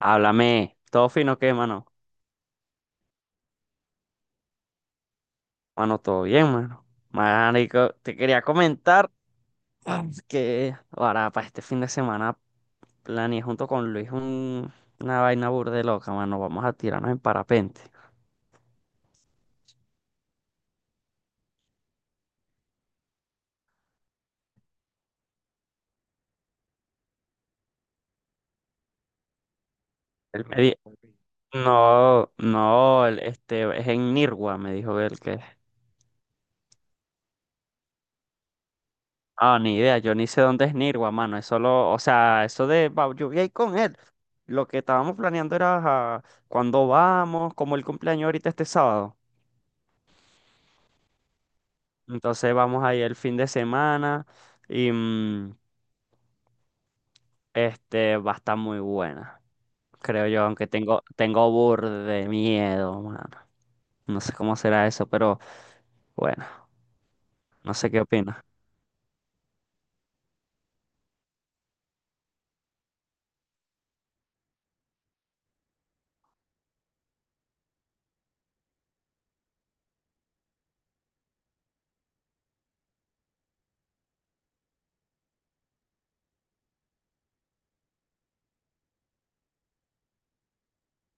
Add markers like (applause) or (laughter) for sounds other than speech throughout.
Háblame, todo fino, ¿qué, mano? Mano, todo bien, mano. Marico, te quería comentar que ahora para este fin de semana planeé junto con Luis una vaina burde loca, mano. Vamos a tirarnos en parapente. Él me di- no, no, este es en Nirgua, me dijo él que. Ah, ni idea, yo ni sé dónde es Nirgua, mano. Eso lo, o sea, eso de va, yo voy a ir con él. Lo que estábamos planeando era cuando vamos, como el cumpleaños ahorita este sábado. Entonces vamos a ir el fin de semana y este va a estar muy buena, creo yo, aunque tengo burde de miedo, mano. No sé cómo será eso, pero bueno, no sé qué opinas.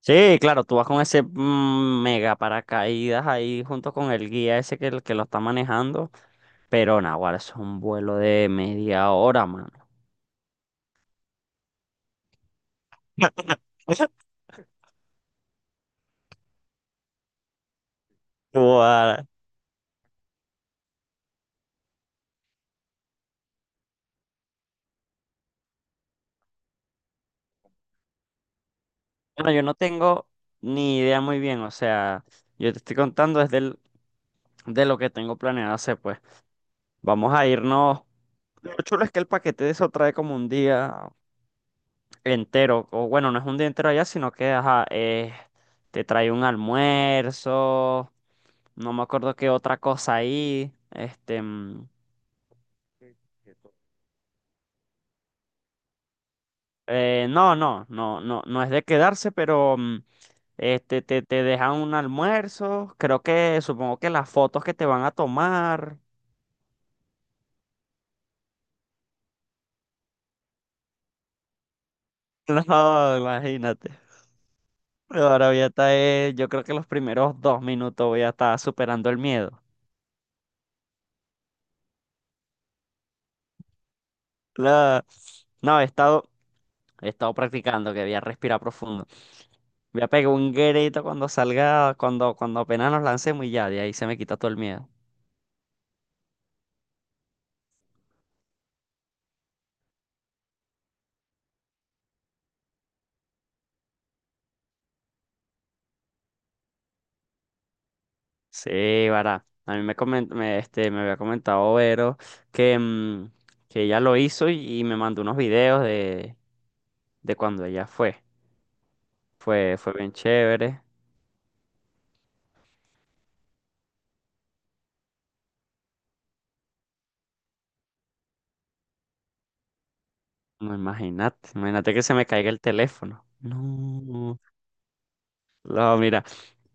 Sí, claro, tú vas con ese mega paracaídas ahí junto con el guía ese que, el que lo está manejando, pero naguará, eso es un vuelo de 1/2 hora, mano. (laughs) Guara. Bueno, yo no tengo ni idea muy bien, o sea, yo te estoy contando desde de lo que tengo planeado hacer, pues. Vamos a irnos. Lo chulo es que el paquete de eso trae como un día entero, o bueno, no es un día entero allá, sino que ajá, te trae un almuerzo, no me acuerdo qué otra cosa ahí, este, no es de quedarse, pero este, te dejan un almuerzo, creo que, supongo que las fotos que te van a tomar. (laughs) No, imagínate. Ahora voy a estar, yo creo que los primeros 2 minutos voy a estar superando el miedo. La- No, he estado practicando que voy a respirar profundo. Voy a pegar un grito cuando salga, cuando apenas nos lancemos y ya, de ahí se me quita todo el miedo. Sí, vará. A mí me, este, me había comentado Vero que, que ella lo hizo y me mandó unos videos de cuando ella fue. Fue bien chévere. No, imagínate que se me caiga el teléfono. No. No, mira,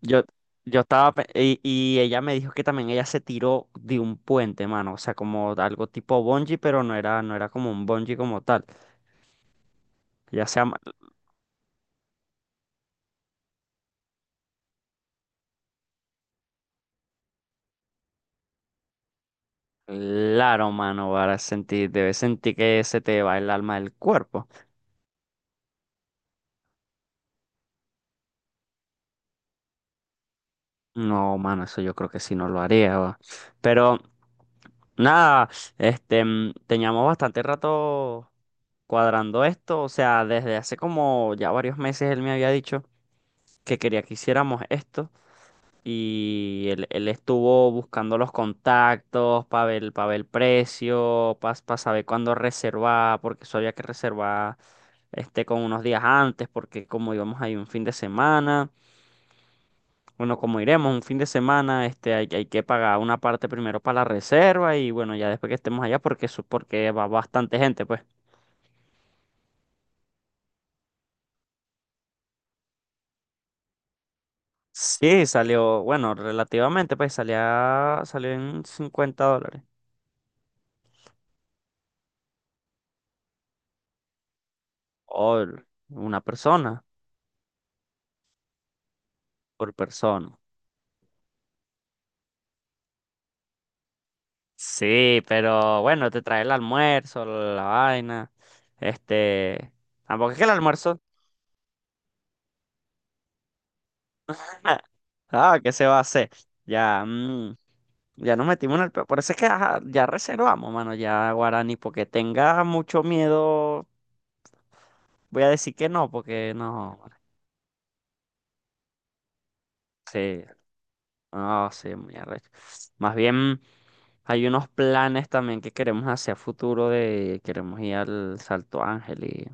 yo, yo estaba, y ella me dijo que también ella se tiró de un puente, mano, o sea, como algo tipo bungee, pero no era como un bungee como tal. Ya sea, ma- claro, mano, para sentir, debes sentir que se te va el alma del cuerpo. No, mano, eso yo creo que sí no lo haría, va. Pero, nada, este, teníamos bastante rato cuadrando esto, o sea, desde hace como ya varios meses él me había dicho que quería que hiciéramos esto. Él estuvo buscando los contactos para ver el precio, para saber cuándo reservar, porque eso había que reservar este, con unos días antes, porque como íbamos ahí un fin de semana, bueno, como iremos un fin de semana, este, hay que pagar una parte primero para la reserva y bueno, ya después que estemos allá, porque, porque va bastante gente, pues. Sí, salió, bueno, relativamente, pues salió en $50. Por una persona, por persona. Sí, pero bueno, te trae el almuerzo, la vaina. Este, tampoco es que el almuerzo. (laughs) Ah, ¿qué se va a hacer? Ya, ya nos metimos en el Por eso es que ajá, ya reservamos, mano, ya Guarani, porque tenga mucho miedo, voy a decir que no, porque no. Sí, no, sí, muy arrecho. Más bien hay unos planes también que queremos hacer a futuro de queremos ir al Salto Ángel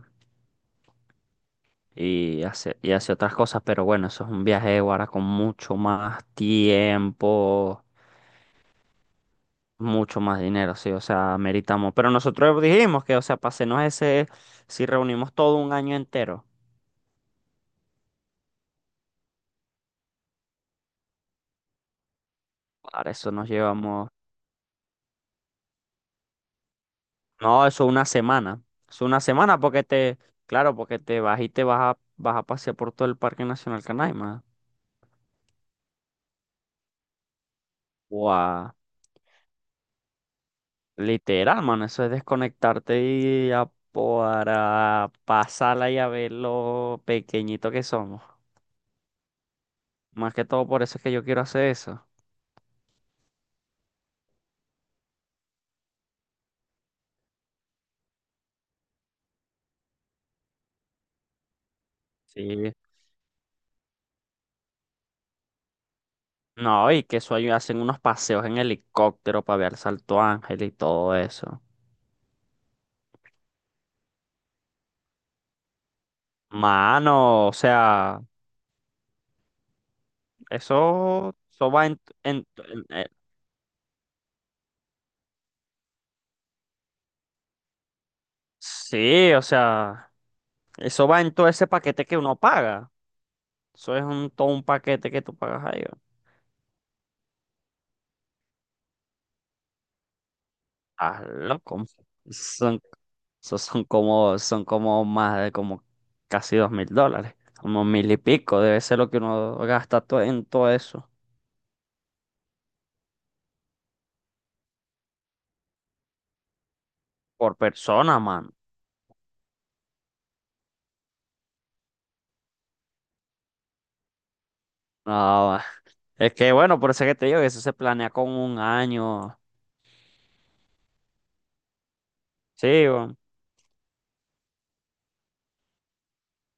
y hace otras cosas, pero bueno, eso es un viaje ahora con mucho más tiempo, mucho más dinero, sí, o sea, meritamos. Pero nosotros dijimos que, o sea, pasenos ese, si reunimos todo un año entero, para eso nos llevamos, no, eso una semana, es una semana porque te, claro, porque te vas y te vas a, vas a pasear por todo el Parque Nacional Canaima. Guau. Literal, mano, eso es desconectarte y para pasarla y a ver lo pequeñito que somos. Más que todo por eso es que yo quiero hacer eso. Sí. No, y que eso ahí hacen unos paseos en helicóptero para ver el Salto Ángel y todo eso. Mano, o sea, eso va en, sí, o sea, eso va en todo ese paquete que uno paga. Eso es un, todo un paquete que tú pagas ahí. Ah, loco. Son, son como más de como casi $2.000. Como mil y pico. Debe ser lo que uno gasta en todo eso. Por persona, man. No, es que bueno, por eso es que te digo que eso se planea con un año. Sí, weón.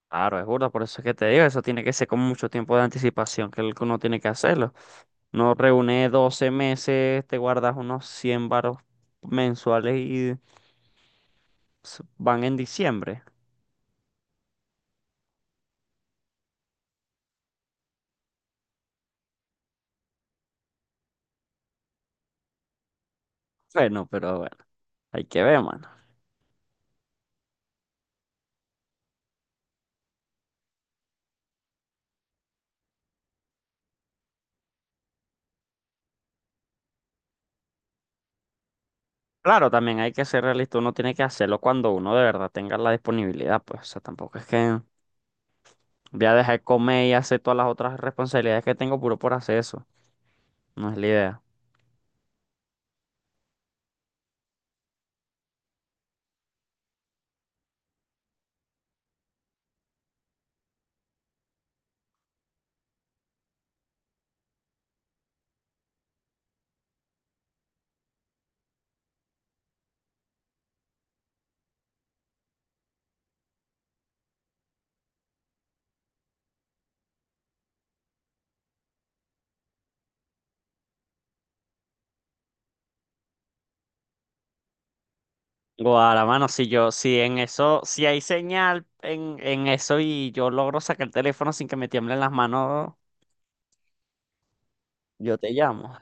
Claro, es burda, por eso es que te digo, eso tiene que ser con mucho tiempo de anticipación que el que uno tiene que hacerlo. No reúne 12 meses, te guardas unos 100 varos mensuales y van en diciembre. Bueno, pero bueno. Hay que ver, mano. Claro, también hay que ser realista. Uno tiene que hacerlo cuando uno de verdad tenga la disponibilidad. Pues, o sea, tampoco es que voy a dejar de comer y hacer todas las otras responsabilidades que tengo puro por hacer eso. No es la idea. Guara, mano, si yo, si en eso, si hay señal en eso y yo logro sacar el teléfono sin que me tiemblen las manos, yo te llamo.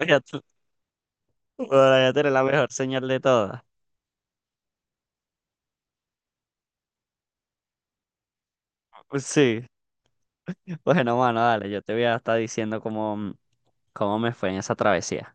(laughs) Ya tú- Guara, ya tienes la mejor señal de todas. Sí. Bueno, mano, dale, yo te voy a estar diciendo cómo, cómo me fue en esa travesía.